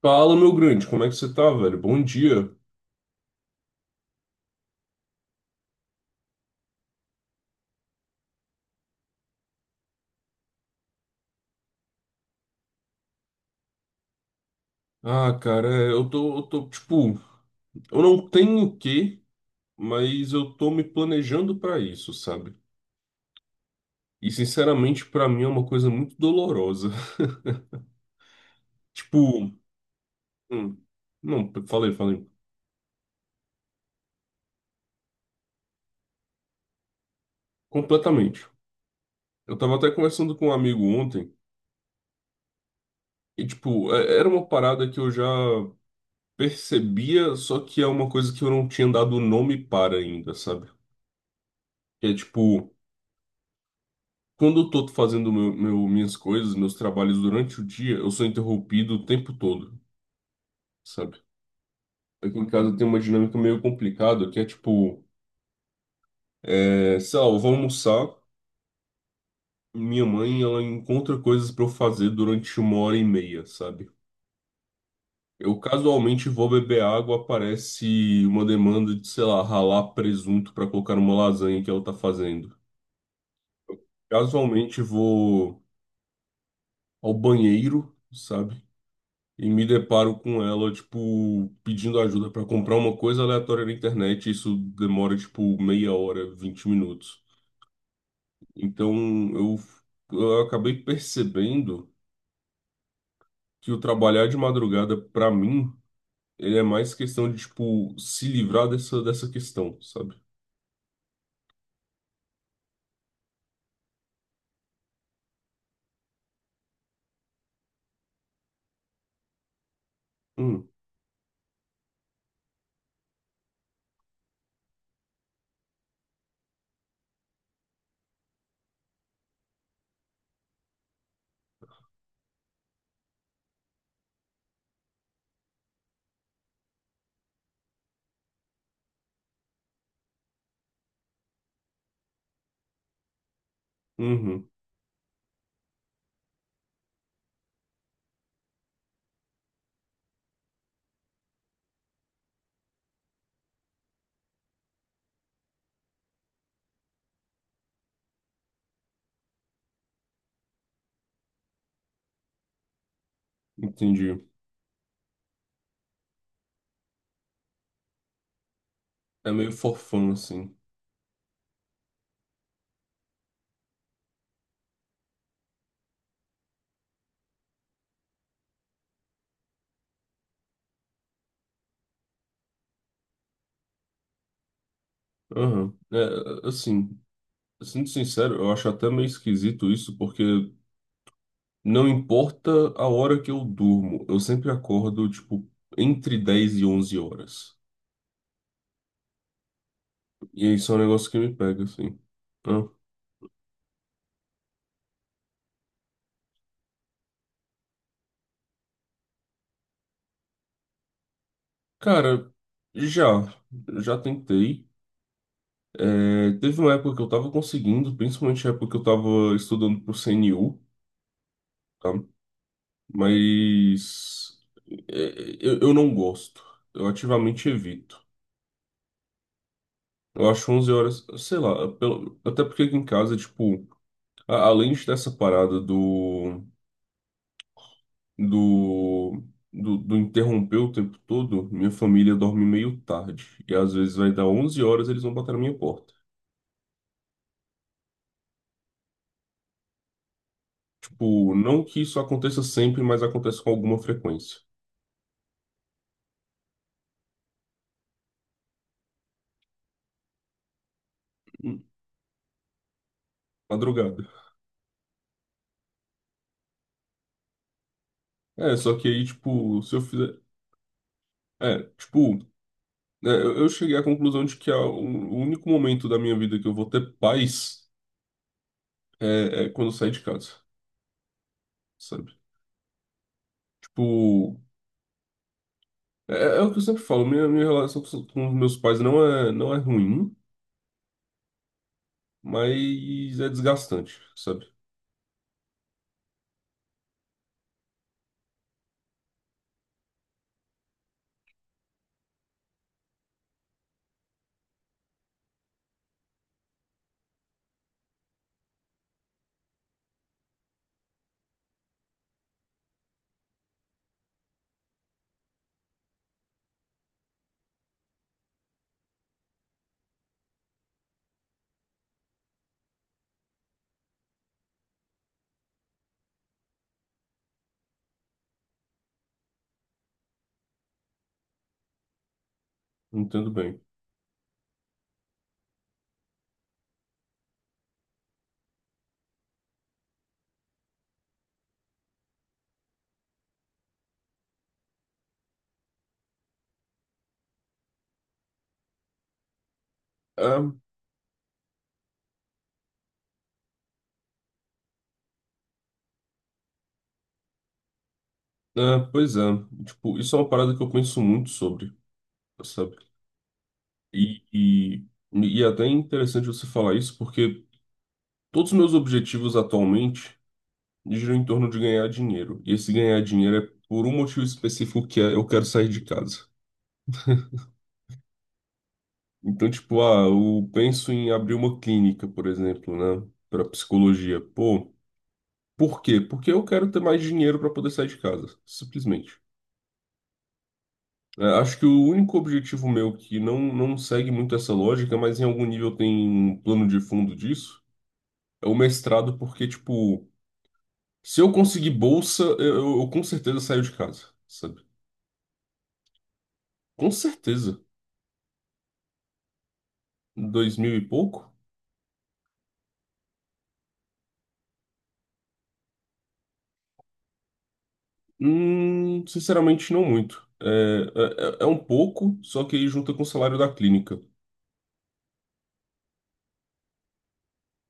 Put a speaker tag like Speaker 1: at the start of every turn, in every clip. Speaker 1: Fala, meu grande, como é que você tá, velho? Bom dia. Ah, cara, é, eu tô, tipo, eu não tenho o quê, mas eu tô me planejando pra isso, sabe? E, sinceramente, pra mim é uma coisa muito dolorosa. Tipo, hum, não, falei, falei, completamente. Eu tava até conversando com um amigo ontem, e, tipo, era uma parada que eu já percebia, só que é uma coisa que eu não tinha dado nome para ainda, sabe? Que é, tipo. Quando eu tô fazendo minhas coisas, meus trabalhos durante o dia, eu sou interrompido o tempo todo, sabe? Aqui em casa tem uma dinâmica meio complicada, que é tipo, é, sei lá, eu vou almoçar, minha mãe, ela encontra coisas pra eu fazer durante uma hora e meia, sabe? Eu casualmente vou beber água, aparece uma demanda de, sei lá, ralar presunto pra colocar numa lasanha que ela tá fazendo. Casualmente vou ao banheiro, sabe? E me deparo com ela, tipo, pedindo ajuda para comprar uma coisa aleatória na internet. Isso demora, tipo, meia hora, 20 minutos. Então, eu, eu acabei percebendo que o trabalhar de madrugada, para mim, ele é mais questão de, tipo, se livrar dessa questão, sabe? Hum. Uhum. Entendi. É meio forfã, assim. Aham. É, assim, sendo sincero, eu acho até meio esquisito isso, porque não importa a hora que eu durmo, eu sempre acordo, tipo, entre 10 e 11 horas. E isso é um negócio que me pega, assim. Ah, cara, já, já tentei. É, teve uma época que eu tava conseguindo, principalmente a época que eu tava estudando pro CNU, tá? Mas é, eu não gosto. Eu ativamente evito. Eu acho 11 horas, sei lá, até porque aqui em casa, tipo, além dessa parada do, do interromper o tempo todo, minha família dorme meio tarde. E às vezes vai dar 11 horas eles vão bater na minha porta. Tipo, não que isso aconteça sempre, mas acontece com alguma frequência. Hum. Madrugada. É, só que aí, tipo, se eu fizer. É, tipo, é, eu cheguei à conclusão de que o único momento da minha vida que eu vou ter paz é quando eu sair de casa, sabe? Tipo. É, é o que eu sempre falo, minha relação com os meus pais não é ruim, mas é desgastante, sabe? Entendo bem. Ah, ah, pois é, tipo, isso é uma parada que eu penso muito sobre, sabe? E, e, e é até interessante você falar isso, porque todos os meus objetivos atualmente giram em torno de ganhar dinheiro. E esse ganhar dinheiro é por um motivo específico que é eu quero sair de casa. Então, tipo, ah, eu penso em abrir uma clínica, por exemplo, né, para psicologia. Pô, por quê? Porque eu quero ter mais dinheiro para poder sair de casa, simplesmente. É, acho que o único objetivo meu que não segue muito essa lógica, mas em algum nível tem um plano de fundo disso, é o mestrado, porque, tipo, se eu conseguir bolsa, eu com certeza saio de casa, sabe? Com certeza. 2 mil e pouco? Sinceramente, não muito. É um pouco, só que aí junta com o salário da clínica.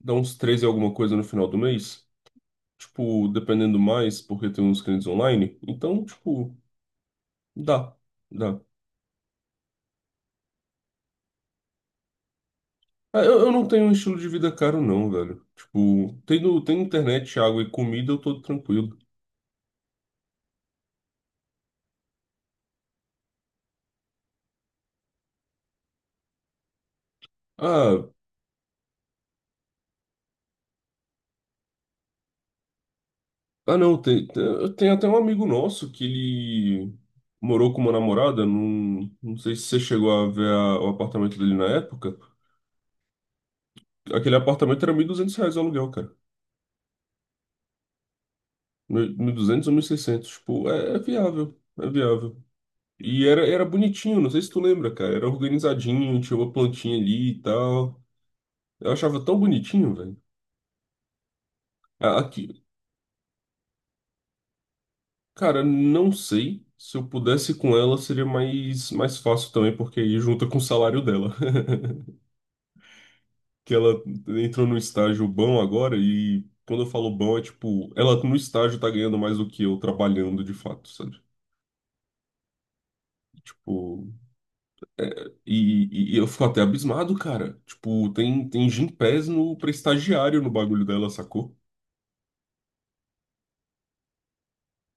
Speaker 1: Dá uns 13 e alguma coisa no final do mês. Tipo, dependendo mais, porque tem uns clientes online. Então, tipo, dá. Dá. Ah, eu não tenho um estilo de vida caro, não, velho. Tipo, tendo internet, água e comida, eu tô tranquilo. Ah, ah, não, eu tenho até um amigo nosso que ele morou com uma namorada. Não, não sei se você chegou a ver o apartamento dele na época. Aquele apartamento era R$ 1.200 o aluguel, cara. 1.200 ou 1.600. Tipo, é viável, é viável. E era bonitinho, não sei se tu lembra, cara. Era organizadinho, tinha uma plantinha ali e tal. Eu achava tão bonitinho, velho. A- Aqui, Cara, não sei. Se eu pudesse ir com ela, seria mais fácil também, porque aí junta com o salário dela. Que ela entrou num estágio bom agora, e quando eu falo bom, é tipo, ela no estágio tá ganhando mais do que eu trabalhando de fato, sabe? Tipo, e, e eu fico até abismado, cara. Tipo, tem Gympass no, pra estagiário no bagulho dela, sacou?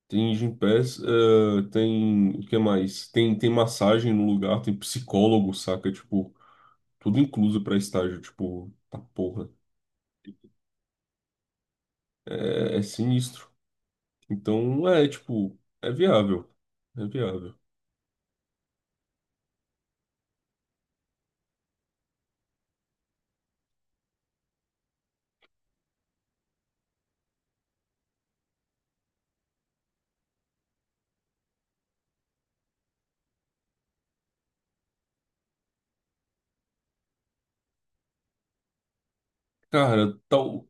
Speaker 1: Tem Gympass, tem. O que mais? Tem massagem no lugar, tem psicólogo, saca? Tipo. Tudo incluso pra estágio, tipo, tá porra. É sinistro. Então, é, tipo, é viável. É viável. Cara, tal,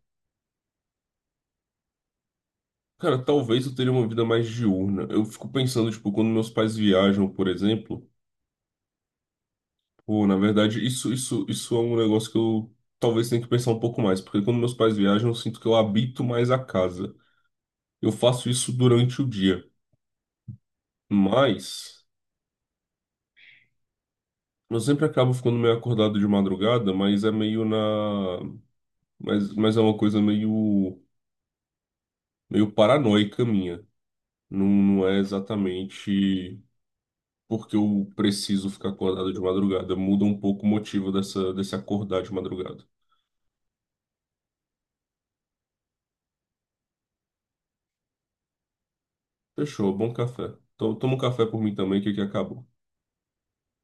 Speaker 1: cara, talvez eu teria uma vida mais diurna. Eu fico pensando, tipo, quando meus pais viajam, por exemplo, pô, na verdade, isso é um negócio que eu talvez tenha que pensar um pouco mais, porque quando meus pais viajam, eu sinto que eu habito mais a casa. Eu faço isso durante o dia, mas eu sempre acabo ficando meio acordado de madrugada, mas é meio na mas é uma coisa meio, meio paranoica minha. Não, não é exatamente porque eu preciso ficar acordado de madrugada. Muda um pouco o motivo dessa, desse acordar de madrugada. Fechou, bom café. Então, toma um café por mim também, que aqui acabou.